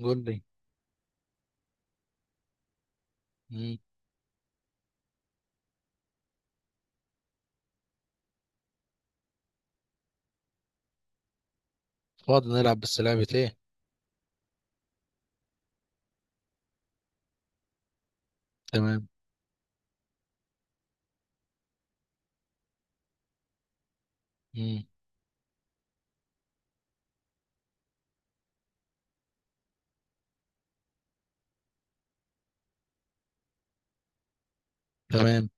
قول لي. مم. فاضي نلعب، بس لعبة ايه؟ تمام. مم. تمام.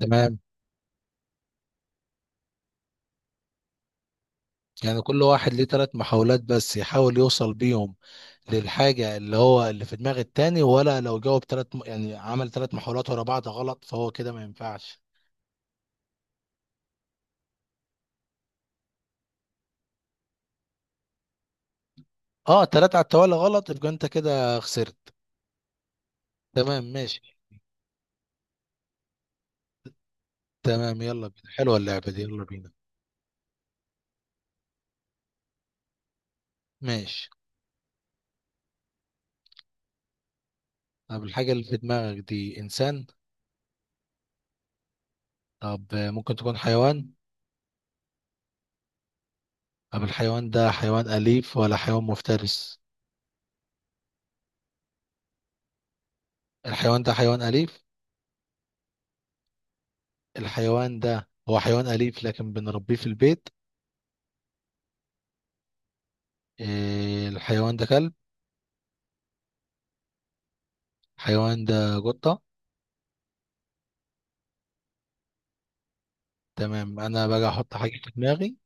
تمام. يعني كل واحد ليه ثلاث محاولات بس يحاول يوصل بيهم للحاجة اللي هو اللي في دماغ التاني، ولا لو جاوب ثلاث يعني عمل ثلاث محاولات ورا بعض غلط فهو كده ما ينفعش. اه، ثلاثة على التوالي غلط يبقى انت كده خسرت. تمام، ماشي. تمام، يلا بينا، حلوة اللعبة دي، يلا بينا. ماشي. طب الحاجة اللي في دماغك دي إنسان؟ طب ممكن تكون حيوان؟ طب الحيوان ده حيوان أليف ولا حيوان مفترس؟ الحيوان ده حيوان أليف. الحيوان ده هو حيوان أليف، لكن بنربيه في البيت. إيه، الحيوان ده كلب؟ الحيوان ده قطة. تمام، أنا بقى أحط حاجة في دماغي.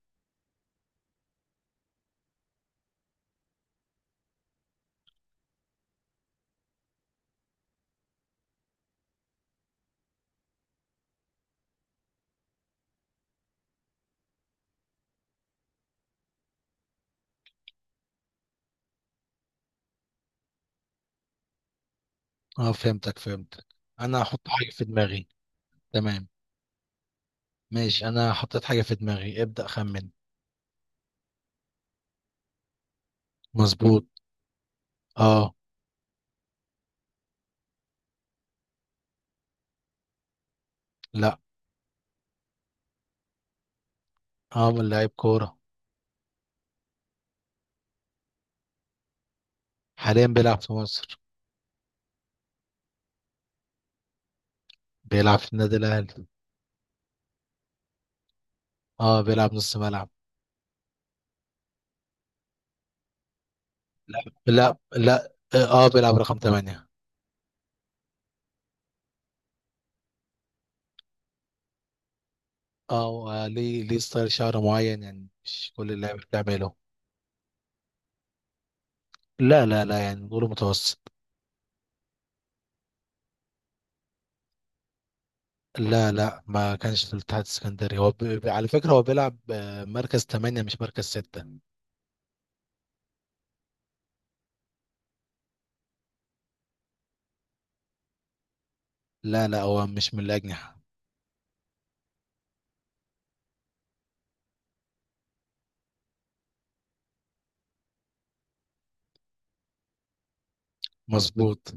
أه، فهمتك فهمتك. أنا أحط حاجة في دماغي. تمام، ماشي. أنا حطيت حاجة في دماغي، ابدأ خمن. مظبوط. أه. لا. أه، من لعيب كورة. حاليا بيلعب في مصر. بيلعب في النادي الأهلي. أه، بيلعب نص ملعب. لا لا لا، أه، بيلعب رقم 8. او، ليه ستايل شعر معين، يعني مش كل اللعيبه بتعمله. لا لا لا، يعني نقوله متوسط. لا لا، ما كانش في الاتحاد السكندري. هو على فكره هو بيلعب مركز 8 مش مركز 6. لا لا، هو مش من الاجنحه. مظبوط،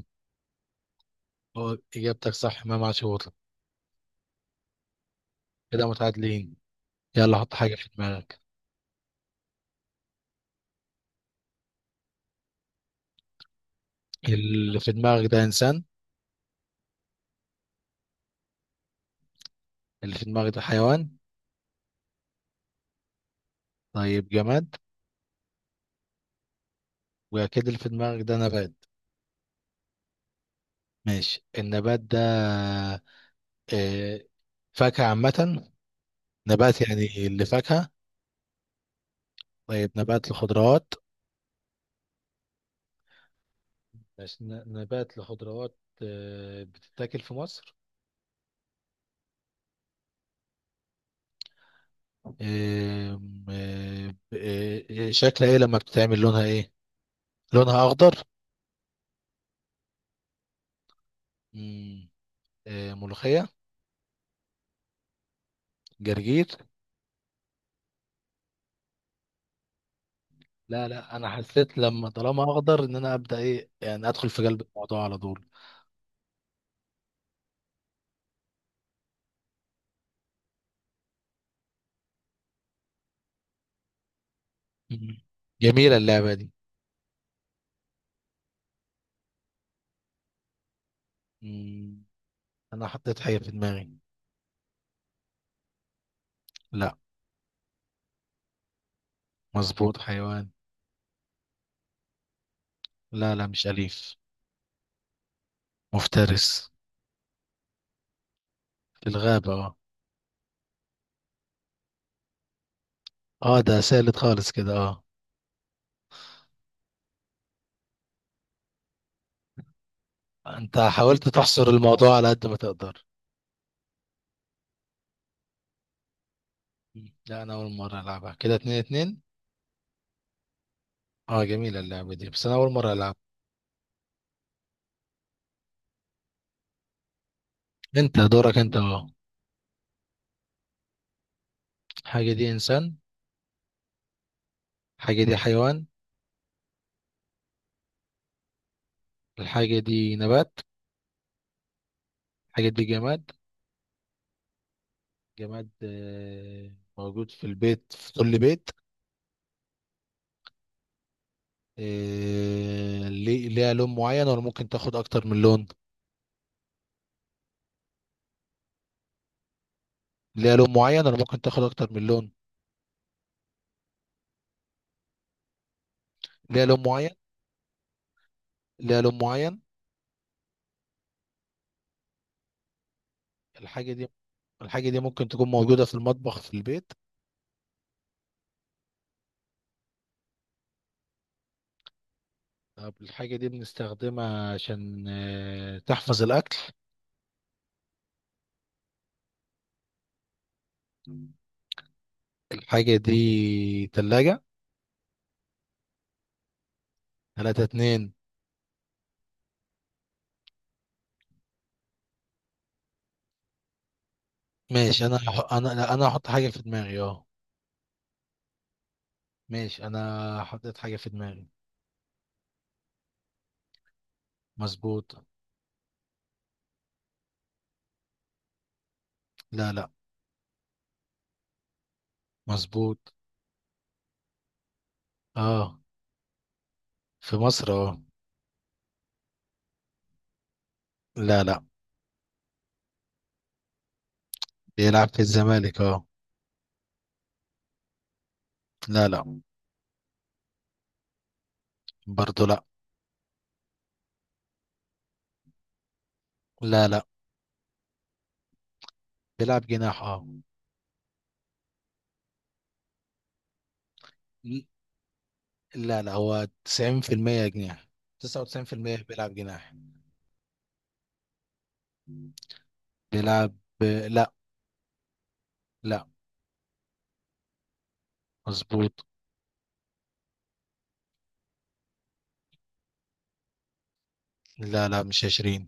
هو اجابتك صح، امام عاشور. كده متعادلين. يلا حط حاجه في دماغك. اللي في دماغك ده انسان؟ اللي في دماغك ده حيوان؟ طيب، جماد؟ واكيد اللي في دماغك ده نبات. ماشي، النبات ده آه، فاكهة عامة؟ نبات يعني لفاكهة؟ طيب، نبات لخضروات؟ ماشي، نبات لخضروات. بتتاكل في مصر؟ آم، آه، ب- شكلها ايه لما بتتعمل، لونها ايه؟ لونها اخضر. مم، ملوخية؟ جرجير؟ لا لا، انا حسيت لما طالما اخضر ان انا ابدا ايه يعني، ادخل في قلب الموضوع على طول. مم. جميلة اللعبة دي. مم، انا حطيت حاجة في دماغي. لا. مظبوط، حيوان. لا لا، مش أليف. مفترس. في الغابة. اه، ده سالت خالص كده، اه. انت حاولت تحصر الموضوع على قد ما تقدر. مم. لا، انا اول مرة العبها، كده اتنين اتنين. اه، جميلة اللعبة دي بس انا اول مرة العبها. انت دورك، انت، اه. الحاجة دي انسان؟ الحاجة دي حيوان؟ الحاجة دي نبات؟ الحاجة دي جماد؟ جماد، موجود في البيت، في كل بيت. ليها لون معين ولا ممكن تاخد اكتر من لون؟ ليها لون معين ولا ممكن تاخد اكتر من لون؟ ليها لون معين؟ ليها لون معين. الحاجة دي الحاجة دي ممكن تكون موجودة في المطبخ، في البيت. طب الحاجة دي بنستخدمها عشان تحفظ الأكل. الحاجة دي تلاجة. تلاتة اتنين. ماشي. أنا لا، أنا هحط حاجة في دماغي، أه. ماشي أنا حطيت حاجة في دماغي مظبوط. لا لا. مظبوط، أه. في مصر، أه. لا لا. بيلعب في الزمالك، أه. لا لا. برضه لا. لا لا. بيلعب جناح، أه. لا لا، هو 90% جناح. 99% بيلعب جناح. بيلعب لا لا. مظبوط. لا لا، مش 20.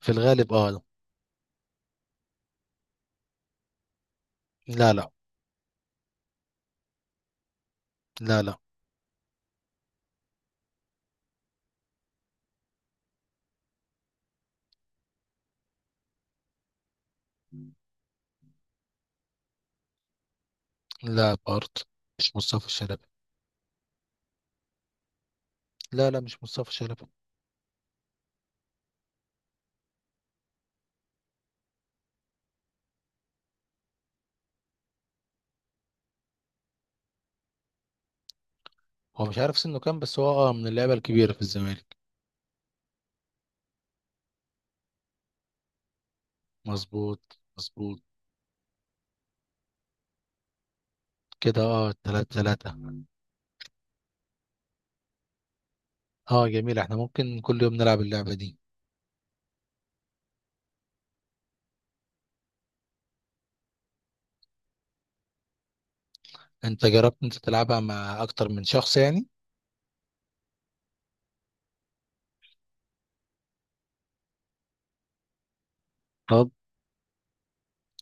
في الغالب، اه. لا لا. لا لا. لا، بارد. مش مصطفى شلبي. لا لا، مش مصطفى شلبي. هو مش عارف سنه كام، بس هو من اللعيبة الكبيرة في الزمالك. مظبوط مظبوط. كده تلاتة تلاتة. اه، جميل، احنا ممكن كل يوم نلعب اللعبة دي. انت جربت انت تلعبها مع اكتر من شخص يعني؟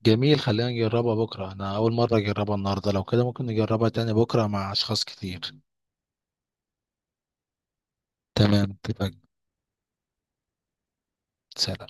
جميل، خلينا نجربها بكرة. أنا أول مرة أجربها النهاردة، لو كده ممكن نجربها تاني بكرة مع أشخاص كتير. تمام، اتفقنا. سلام.